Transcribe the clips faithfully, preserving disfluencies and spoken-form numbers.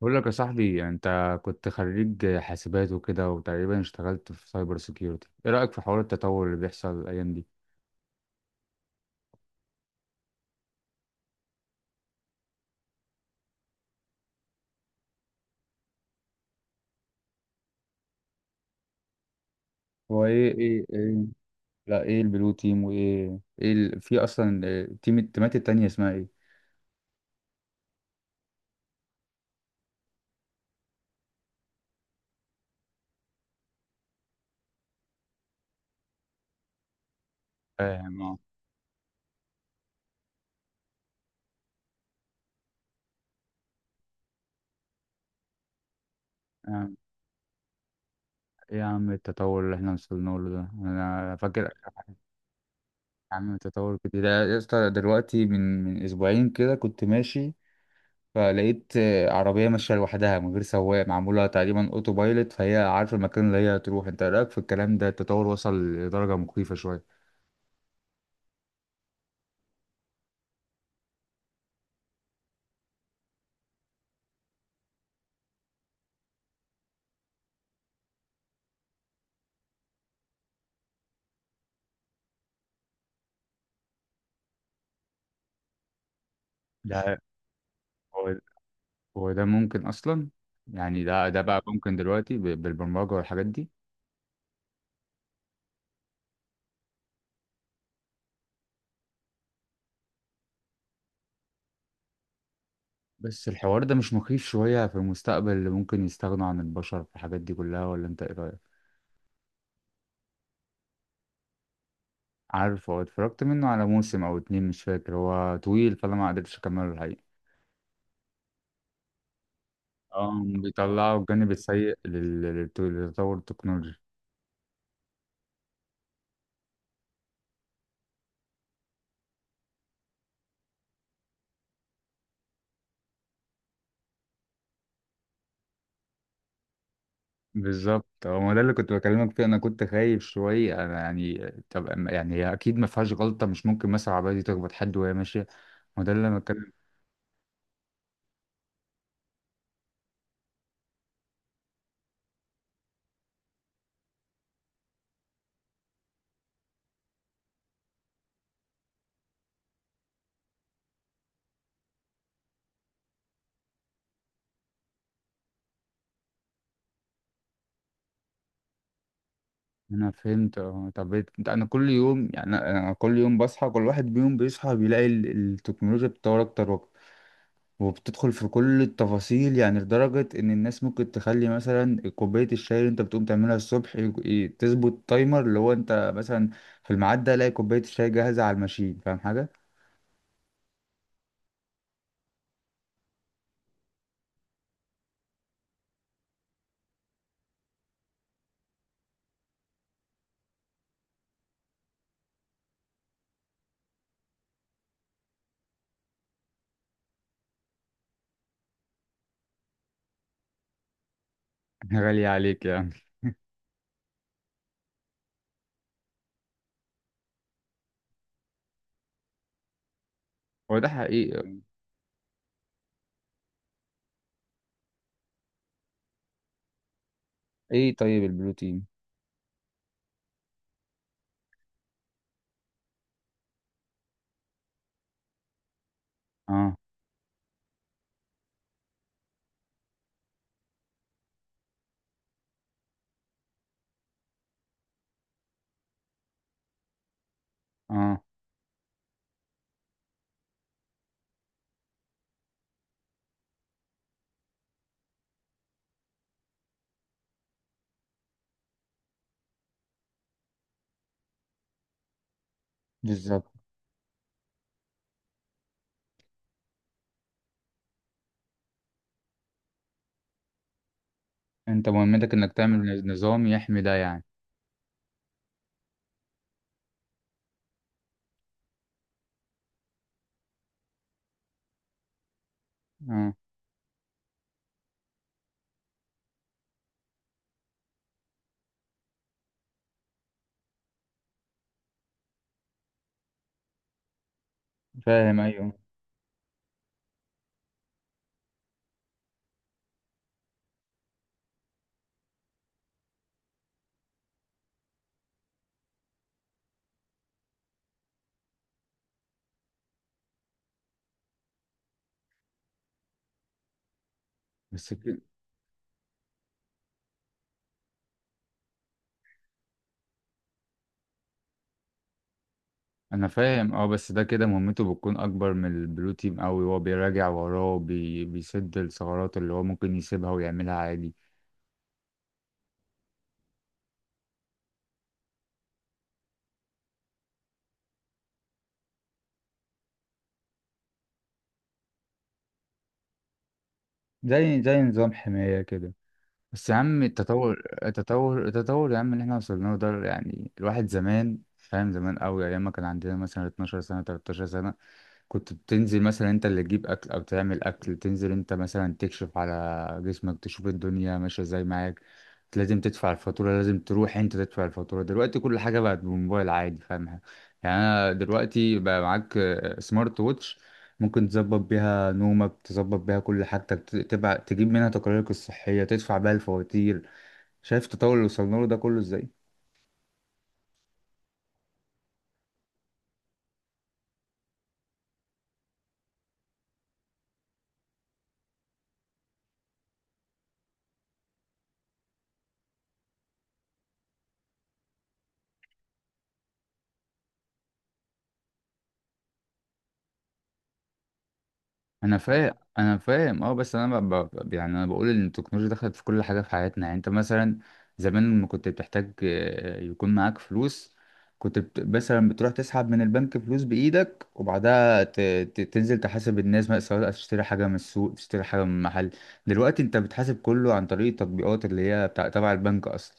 بقول لك يا صاحبي، يعني انت كنت خريج حاسبات وكده وتقريبا اشتغلت في سايبر سيكيورتي. ايه رأيك في حوار التطور اللي بيحصل الايام دي؟ هو ايه ايه ايه؟ لا، ايه البلو تيم وايه ايه ال... في اصلا، اه، تيم، التيمات التانية اسمها ايه؟ فاهم، اه. اه، ايه يا عم التطور اللي احنا وصلنا له ده، انا فاكر. يا عم التطور كده ده، يا اسطى دلوقتي من من اسبوعين كده كنت ماشي. فلقيت آه، عربية ماشية لوحدها من غير سواق، معمولة تقريبا اوتو بايلوت، فهي عارفة المكان اللي هي هتروح. انت رأيك في الكلام ده؟ التطور وصل لدرجة مخيفة شوية. ده هو هو ده ممكن أصلا؟ يعني ده ده بقى ممكن دلوقتي ب- بالبرمجة والحاجات دي؟ بس الحوار ده مش مخيف شوية في المستقبل اللي ممكن يستغنوا عن البشر في الحاجات دي كلها؟ ولا انت ايه رأيك؟ عارف، هو اتفرجت منه على موسم أو اتنين، مش فاكر. هو طويل فأنا ما قدرتش أكمله الحقيقة. اه، بيطلعوا الجانب السيء لل- للت- للتطور التكنولوجي. بالظبط، هو ما ده اللي كنت بكلمك فيه. انا كنت خايف شويه انا، يعني طب أما- يعني هي اكيد ما فيهاش غلطه؟ مش ممكن مثلا العربيه دي تخبط حد وهي ماشيه؟ ما ده اللي انا بتكلم فيه. انا فهمت، اه. طب إيه- أنت- انا كل يوم، يعني انا أنا كل يوم بصحى، كل واحد بيوم بيصحى بيلاقي ال- التكنولوجيا بتطور اكتر واكتر، وبتدخل في كل التفاصيل. يعني لدرجه ان الناس ممكن تخلي مثلا كوبايه الشاي اللي انت بتقوم تعملها الصبح، ي- ي- تظبط تايمر اللي هو انت مثلا في الميعاد ده الاقي كوبايه الشاي جاهزه على الماشين، فاهم حاجه؟ غالية عليك يا هو ده حقيقي. ايه طيب البروتين؟ اه. اه، بالظبط. انت مهمتك انك تعمل نظام يحمي ده يعني؟ اه، فاهم، ايوه. بس كده؟ انا فاهم، اه. بس ده كده مهمته بتكون اكبر من البروتين قوي. هو بيراجع وراه بي... بيسد الثغرات اللي هو ممكن يسيبها ويعملها عادي. زي زي نظام حماية كده. بس يا عم، التطور التطور التطور يا عم اللي احنا وصلنا له ده، يعني الواحد زمان فاهم زمان قوي ايام ما كان عندنا مثلا اثنا عشر سنة، تلتاشر سنة. كنت بتنزل مثلا انت اللي تجيب اكل او تعمل اكل، تنزل انت مثلا تكشف على جسمك تشوف الدنيا ماشية ازاي معاك. لازم تدفع الفاتورة، لازم تروح انت تدفع الفاتورة. دلوقتي كل حاجة بقت بالموبايل عادي، فاهمها؟ يعني انا دلوقتي بقى معاك آه، سمارت ووتش. ممكن تظبط بيها نومك، تظبط بيها كل حاجتك، ت- تبع تجيب منها تقاريرك الصحية، تدفع بيها الفواتير. شايف التطور اللي وصلنا له ده كله ازاي؟ انا فاهم، انا فاهم، اه. بس انا ب... ب... يعني انا بقول ان التكنولوجيا دخلت في كل حاجه في حياتنا، يعني انت مثلا. زمان لما كنت بتحتاج آه، يكون معاك فلوس. كنت بت... مثلا بتروح تسحب من البنك فلوس بايدك، وبعدها ت... ت... تنزل تحاسب الناس بقى، سواء تشتري حاجه من السوق، تشتري حاجه من محل. دلوقتي انت بتحاسب كله عن طريق التطبيقات اللي هي بتاع تبع البنك اصلا.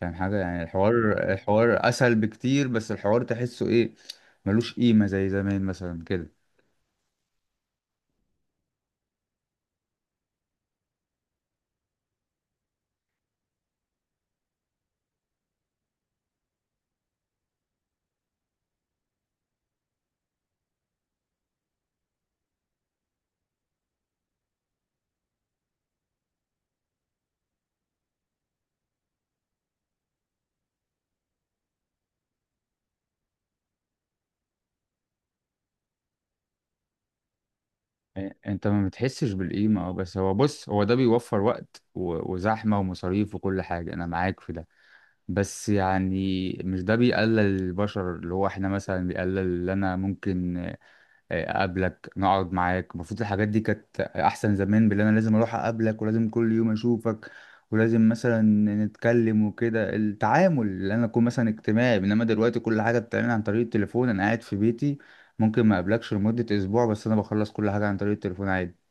يعني حاجه، يعني الحوار الحوار اسهل بكتير. بس الحوار تحسه ايه؟ ملوش قيمه زي زمان مثلا كده. انت ما بتحسش بالقيمة، اه. بس هو بص، هو ده بيوفر وقت و- وزحمة ومصاريف وكل حاجة، انا معاك في ده. بس يعني مش ده بيقلل البشر؟ اللي هو احنا مثلا بيقلل اللي انا ممكن آه، اقابلك نقعد معاك. المفروض الحاجات دي كانت احسن زمان باللي انا لازم اروح اقابلك، ولازم كل يوم اشوفك. ولازم مثلا نتكلم وكده. التعامل اللي انا اكون مثلا اجتماعي، انما دلوقتي كل حاجة بتعمل عن طريق التليفون، انا قاعد في بيتي. ممكن ما اقابلكش لمدة اسبوع، بس انا بخلص كل حاجة عن طريق التليفون عادي.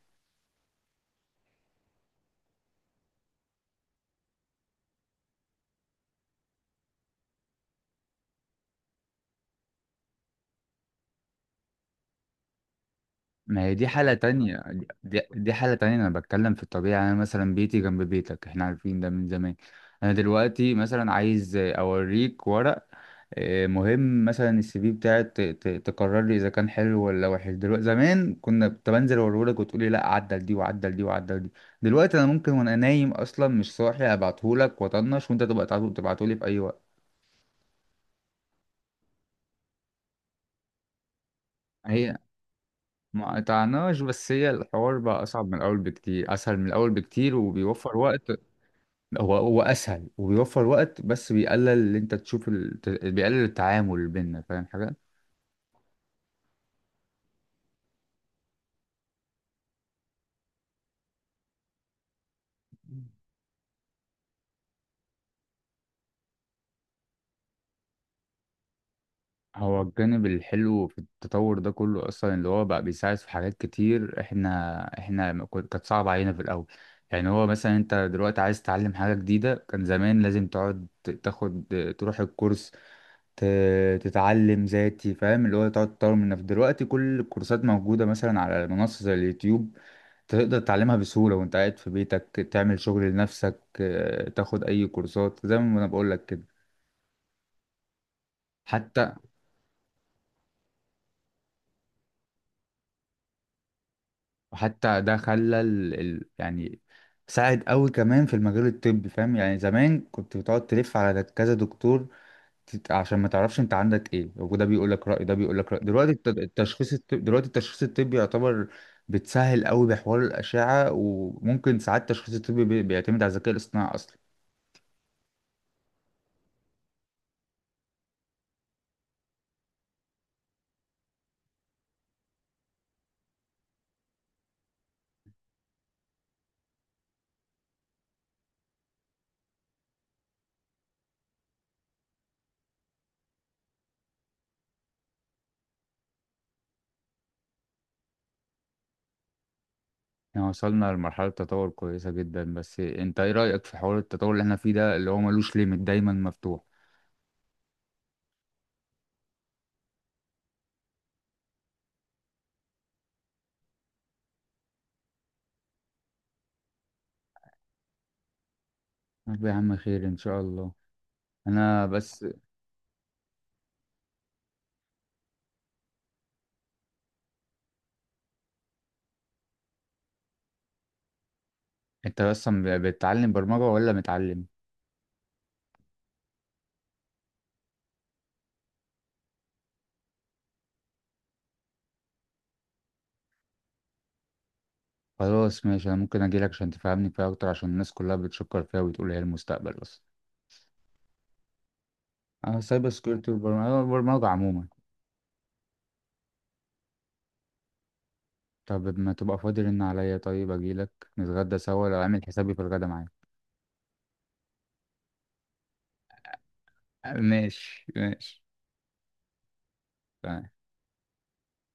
ما هي دي حالة تانية. دي, دي حالة تانية، أنا بتكلم في الطبيعة. أنا مثلا بيتي جنب بيتك، إحنا عارفين ده من زمان. أنا دلوقتي مثلا عايز أوريك ورق. آه، مهم مثلا السي في بتاعك ت- ت- تقرر لي إذا كان حلو ولا وحش دلوقتي. زمان كنا كنت بنزل أوريهولك وتقولي لأ عدل دي، وعدل دي، وعدل دي. دلوقتي أنا ممكن وأنا نايم أصلا مش صاحي أبعتهولك وأطنش، وأنت تبقى تبعته- تبعتهولي في أي وقت. هي ما قطعناش، بس هي الحوار بقى أصعب من الأول بكتير، أسهل من الأول بكتير وبيوفر وقت. هو هو اسهل وبيوفر وقت، بس بيقلل اللي انت تشوف ال... ت- بيقلل التعامل بيننا، فاهم حاجه؟ هو الجانب الحلو في التطور ده كله اصلا، اللي هو بقى بيساعد في حاجات كتير احنا احنا ما كن- كانت صعبه علينا في الاول. يعني هو مثلا انت دلوقتي عايز تتعلم حاجه جديده، كان زمان لازم تقعد ت- تاخد تروح الكورس، ت... تتعلم ذاتي، فاهم؟ اللي هو تقعد تطور من نفسك. دلوقتي كل الكورسات موجوده مثلا على منصه زي اليوتيوب. تقدر تتعلمها بسهولة وانت قاعد في بيتك. تعمل شغل لنفسك، آه، تاخد اي كورسات زي ما انا بقول لك كده. حتى حتى ده خلى ال... ال... يعني ساعد قوي كمان في المجال الطبي، فاهم؟ يعني زمان كنت بتقعد تلف على كذا دكتور. تت- عشان ما تعرفش انت عندك ايه، وده بيقول لك رأي ده بيقول لك رأي. دلوقتي الت- التشخيص الطبي دلوقتي التشخيص الطبي يعتبر بتسهل قوي بحوار الأشعة، وممكن ساعات التشخيص الطبي بي- بيعتمد على الذكاء الاصطناعي اصلا. احنا وصلنا لمرحلة تطور كويسة جدا. بس انت ايه رأيك في حوار التطور اللي احنا فيه ده اللي هو ملوش ليميت، دايما مفتوح؟ طب يا عم خير ان شاء الله. انا بس. انت اصلا ب- بتتعلم برمجة ولا متعلم؟ خلاص ماشي، انا ممكن اجيلك عشان تفهمني فيها اكتر، عشان الناس كلها بتشكر فيها وبتقول هي المستقبل اصلا. انا سايبر سكيورتي، والبرمجة البرمجة عموما. طب ما تبقى فاضي رن عليا، طيب اجيلك نتغدى سوا لو عامل حسابي في الغدا معايا. ماشي، ماشي. تمام.